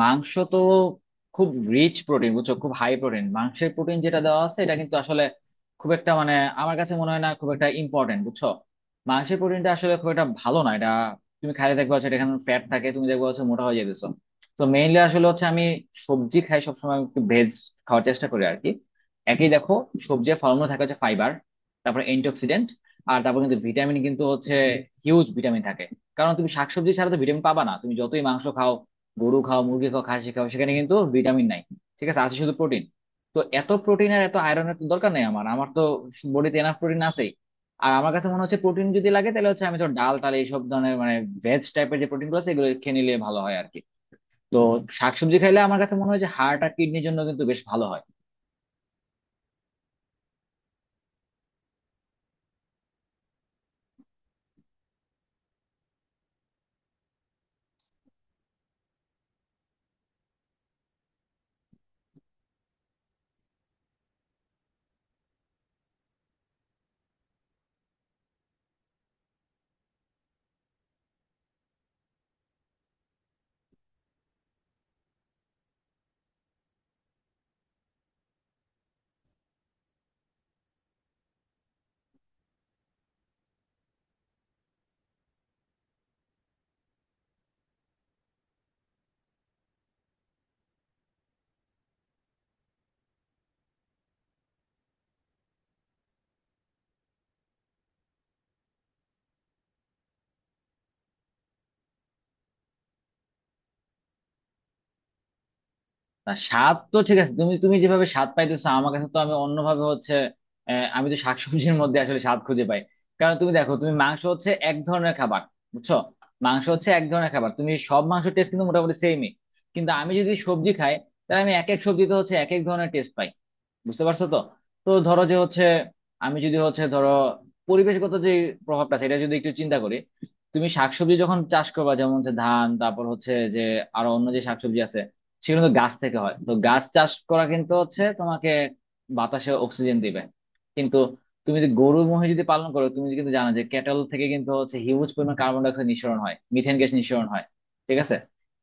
মাংস তো খুব রিচ প্রোটিন বুঝছো। খুব হাই প্রোটিন, মাংসের প্রোটিন যেটা দেওয়া আছে এটা কিন্তু আসলে খুব একটা আমার কাছে মনে হয় না খুব একটা ইম্পর্টেন্ট, বুঝছো। মাংসের প্রোটিনটা আসলে খুব একটা ভালো না এটা। তুমি খাইলে দেখবা হচ্ছে এটা এখানে ফ্যাট থাকে, তুমি দেখবা হচ্ছে মোটা হয়ে যেতেছো। তো মেইনলি আসলে হচ্ছে আমি সবজি খাই, সবসময় একটু ভেজ খাওয়ার চেষ্টা করি আর কি। একই দেখো, সবজি ফলমূল থাকে হচ্ছে ফাইবার, তারপর অ্যান্টিঅক্সিডেন্ট, আর তারপর কিন্তু ভিটামিন কিন্তু হচ্ছে হিউজ ভিটামিন থাকে। কারণ তুমি শাকসবজি ছাড়া তো ভিটামিন পাবা না, তুমি যতই মাংস খাও, গরু খাও, মুরগি খাও, খাসি খাও, সেখানে কিন্তু ভিটামিন নাই। ঠিক আছে, আছে শুধু প্রোটিন। তো এত প্রোটিন আর এত আয়রনের তো দরকার নেই আমার আমার তো বডিতে এনাফ প্রোটিন আছেই। আর আমার কাছে মনে হচ্ছে প্রোটিন যদি লাগে তাহলে হচ্ছে আমি তো ডাল টাল এইসব ধরনের ভেজ টাইপের যে প্রোটিন গুলো আছে এগুলো খেয়ে নিলে ভালো হয় আর কি। তো শাকসবজি খাইলে আমার কাছে মনে হয় যে হার্ট আর কিডনির জন্য কিন্তু বেশ ভালো হয়। না, স্বাদ তো ঠিক আছে, তুমি তুমি যেভাবে স্বাদ পাইতেছো আমার কাছে তো আমি অন্যভাবে হচ্ছে আমি তো শাকসবজির মধ্যে আসলে স্বাদ খুঁজে পাই। কারণ তুমি দেখো, তুমি মাংস হচ্ছে এক ধরনের খাবার, বুঝছো। মাংস হচ্ছে এক ধরনের খাবার, তুমি সব মাংস টেস্ট কিন্তু মোটামুটি সেমই। কিন্তু আমি যদি সবজি খাই তাহলে আমি এক এক সবজিতে হচ্ছে এক এক ধরনের টেস্ট পাই, বুঝতে পারছো তো। তো ধরো যে হচ্ছে আমি যদি হচ্ছে ধরো পরিবেশগত যে প্রভাবটা সেটা যদি একটু চিন্তা করি, তুমি শাকসবজি যখন চাষ করবা যেমন হচ্ছে ধান, তারপর হচ্ছে যে আরো অন্য যে শাকসবজি আছে সেগুলো তো গাছ থেকে হয়, তো গাছ চাষ করা কিন্তু হচ্ছে তোমাকে বাতাসে অক্সিজেন দিবে। কিন্তু তুমি যদি গরু মহিষ যদি পালন করো, তুমি কিন্তু জানো যে ক্যাটল থেকে কিন্তু হচ্ছে হিউজ পরিমাণ কার্বন ডাই অক্সাইড নিঃসরণ হয়, মিথেন গ্যাস নিঃসরণ হয়। ঠিক আছে।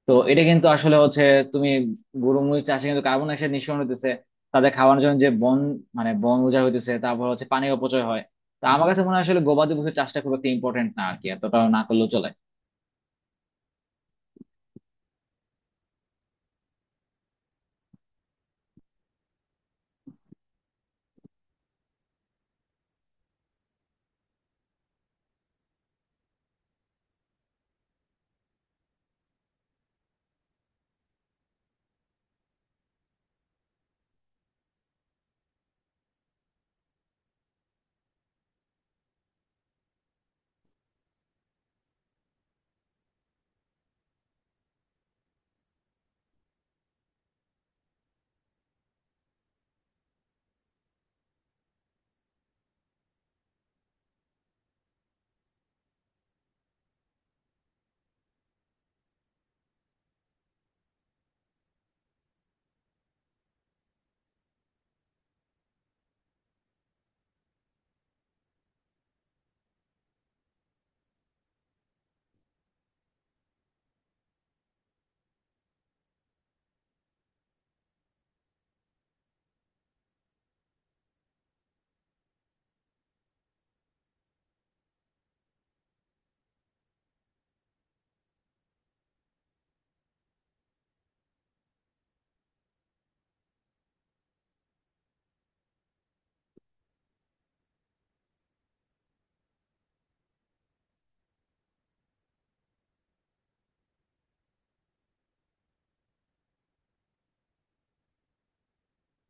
তো এটা কিন্তু আসলে হচ্ছে তুমি গরু মহিষ চাষে কিন্তু কার্বন ডাই অক্সাইড নিঃসরণ হতেছে, তাদের খাওয়ানোর জন্য যে বন বন উজাড় হইতেছে, তারপর হচ্ছে পানি অপচয় হয়। তা আমার কাছে মনে হয় আসলে গবাদি পশু চাষটা খুব একটা ইম্পর্টেন্ট না আর কি, এতটা না করলেও চলে।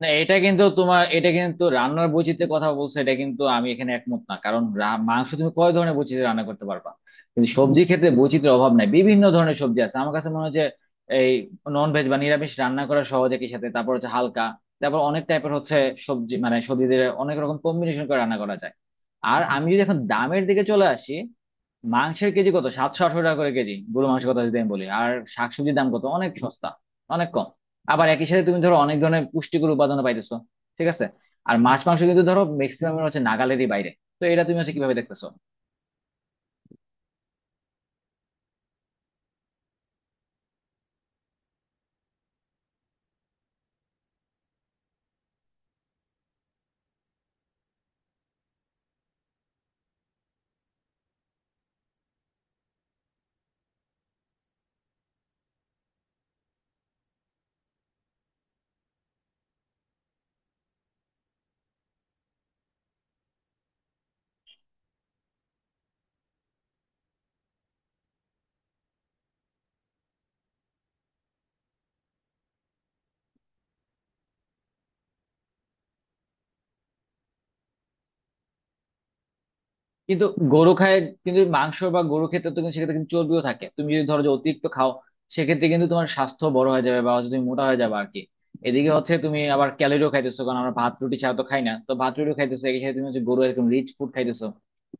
না, এটা কিন্তু তোমার এটা কিন্তু রান্নার বৈচিত্র্যের কথা বলছো, এটা কিন্তু আমি এখানে একমত না। কারণ মাংস তুমি কয় ধরনের বৈচিত্র্য রান্না করতে পারবা? কিন্তু সবজির ক্ষেত্রে বৈচিত্র্যের অভাব নাই, বিভিন্ন ধরনের সবজি আছে। আমার কাছে মনে হয় যে এই নন ভেজ বা নিরামিষ রান্না করা সহজ, একই সাথে তারপর হচ্ছে হালকা, তারপর অনেক টাইপের হচ্ছে সবজি সবজিদের অনেক রকম কম্বিনেশন করে রান্না করা যায়। আর আমি যদি এখন দামের দিকে চলে আসি, মাংসের কেজি কত, 718 টাকা করে কেজি, গরু মাংসের কথা যদি আমি বলি। আর শাকসবজির দাম কত, অনেক সস্তা, অনেক কম। আবার একই সাথে তুমি ধরো অনেক ধরনের পুষ্টিকর উপাদান পাইতেছো। ঠিক আছে। আর মাছ মাংস কিন্তু ধরো ম্যাক্সিমাম হচ্ছে নাগালেরই বাইরে। তো এটা তুমি হচ্ছে কিভাবে দেখতেছো? কিন্তু গরু খায়, কিন্তু মাংস বা গরু খেতে তো কিন্তু সেক্ষেত্রে কিন্তু চর্বিও থাকে, তুমি যদি ধরো যে অতিরিক্ত খাও সেক্ষেত্রে কিন্তু তোমার স্বাস্থ্য বড় হয়ে যাবে বা হচ্ছে তুমি মোটা হয়ে যাবে আর কি। এদিকে হচ্ছে তুমি আবার ক্যালোরিও খাইতেছো, কারণ আমরা ভাত রুটি ছাড়া তো খাই না, তো ভাত রুটিও খাইতেছো, এক্ষেত্রে তুমি হচ্ছে গরু একদম রিচ ফুড খাইতেছো,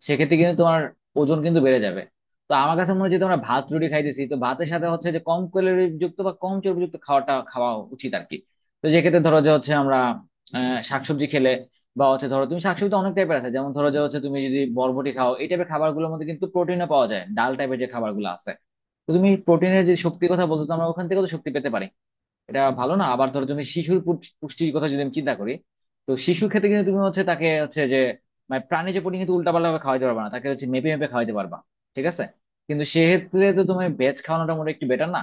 সেক্ষেত্রে কিন্তু তোমার ওজন কিন্তু বেড়ে যাবে। তো আমার কাছে মনে হচ্ছে তোমরা ভাত রুটি খাইতেছি, তো ভাতের সাথে হচ্ছে যে কম ক্যালোরি যুক্ত বা কম চর্বিযুক্ত খাওয়া উচিত আর কি। তো যেক্ষেত্রে ধরো যে হচ্ছে আমরা শাকসবজি খেলে বা হচ্ছে ধরো তুমি শাকসবজি তো অনেক টাইপের আছে, যেমন ধরো যে হচ্ছে তুমি যদি বরবটি খাও, এই টাইপের খাবারগুলোর মধ্যে কিন্তু প্রোটিনও পাওয়া যায়, ডাল টাইপের যে খাবারগুলো আছে। তো তুমি প্রোটিনের যে শক্তির কথা বলছো, তো আমরা ওখান থেকে তো শক্তি পেতে পারি, এটা ভালো না? আবার ধরো তুমি শিশুর পুষ্টির কথা যদি আমি চিন্তা করি, তো শিশুর ক্ষেত্রে কিন্তু তুমি হচ্ছে তাকে হচ্ছে যে প্রাণী যে প্রোটিন কিন্তু উল্টাপাল্টা ভাবে খাওয়াইতে পারবা না, তাকে হচ্ছে মেপে মেপে খাওয়াইতে পারবা। ঠিক আছে। কিন্তু সেক্ষেত্রে তো তুমি ভেজ খাওয়ানোটা মোটামুটি একটু বেটার না?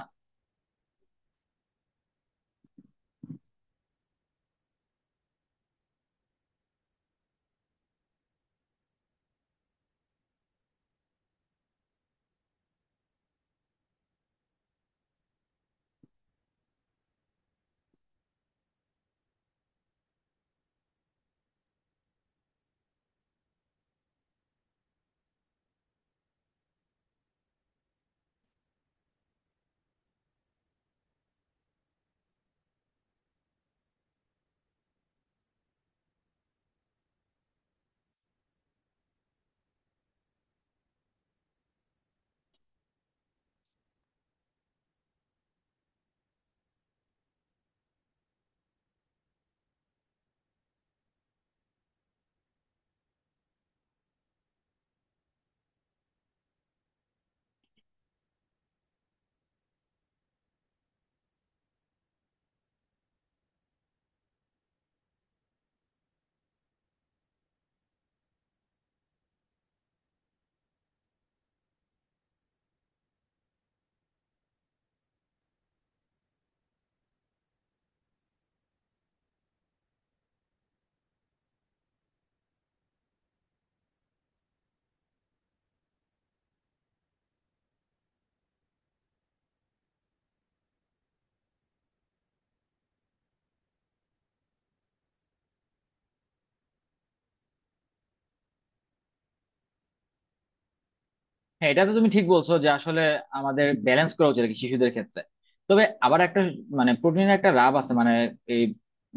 হ্যাঁ, এটা তো তুমি ঠিক বলছো যে আসলে আমাদের ব্যালেন্স করা উচিত আর কি, শিশুদের ক্ষেত্রে। তবে আবার একটা প্রোটিনের একটা লাভ আছে, এই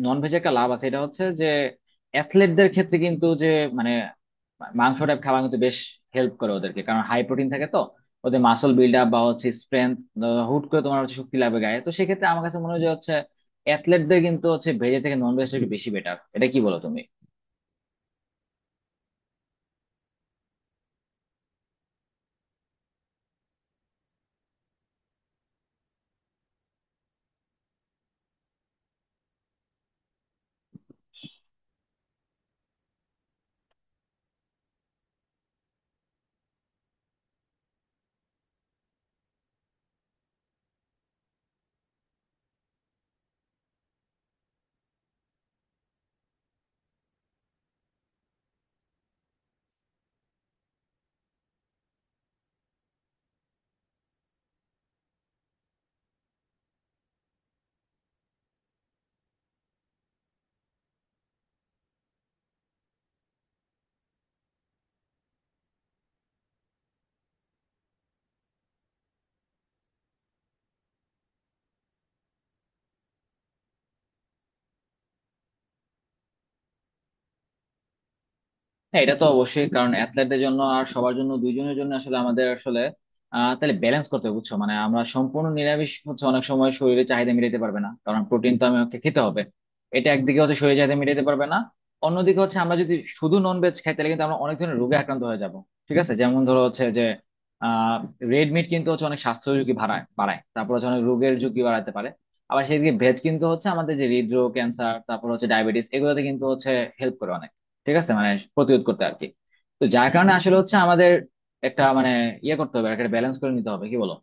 নন ভেজের একটা লাভ আছে। এটা হচ্ছে যে অ্যাথলেটদের ক্ষেত্রে কিন্তু যে মানে মাংস টাইপ খাবার কিন্তু বেশ হেল্প করে ওদেরকে, কারণ হাই প্রোটিন থাকে তো, ওদের মাসল বিল্ড আপ বা হচ্ছে স্ট্রেংথ, হুট করে তোমার হচ্ছে শক্তি লাগবে গায়ে। তো সেক্ষেত্রে আমার কাছে মনে হয় যে হচ্ছে অ্যাথলেটদের কিন্তু হচ্ছে ভেজের থেকে নন ভেজটা একটু বেশি বেটার। এটা কি বলো তুমি? হ্যাঁ এটা তো অবশ্যই, কারণ অ্যাথলেটদের জন্য আর সবার জন্য, দুইজনের জন্য আসলে আমাদের আসলে তাহলে ব্যালেন্স করতে হবে, বুঝছো। মানে আমরা সম্পূর্ণ নিরামিষ হচ্ছে অনেক সময় শরীরে চাহিদা মিটাতে পারবে না, কারণ প্রোটিন তো আমাকে খেতে হবে। এটা একদিকে হচ্ছে শরীরে চাহিদা মিটাতে পারবে না, অন্যদিকে হচ্ছে আমরা যদি শুধু নন ভেজ খাই তাহলে কিন্তু আমরা অনেক ধরনের রোগে আক্রান্ত হয়ে যাব। ঠিক আছে। যেমন ধরো হচ্ছে যে আহ রেড মিট কিন্তু হচ্ছে অনেক স্বাস্থ্য ঝুঁকি বাড়ায় বাড়ায়, তারপর হচ্ছে অনেক রোগের ঝুঁকি বাড়াতে পারে। আবার সেদিকে ভেজ কিন্তু হচ্ছে আমাদের যে হৃদরোগ, ক্যান্সার, তারপর হচ্ছে ডায়াবেটিস, এগুলোতে কিন্তু হচ্ছে হেল্প করে অনেক। ঠিক আছে। প্রতিরোধ করতে আর কি। তো যার কারণে আসলে হচ্ছে আমাদের একটা ইয়ে করতে হবে, একটা ব্যালেন্স করে নিতে হবে। কি বলো?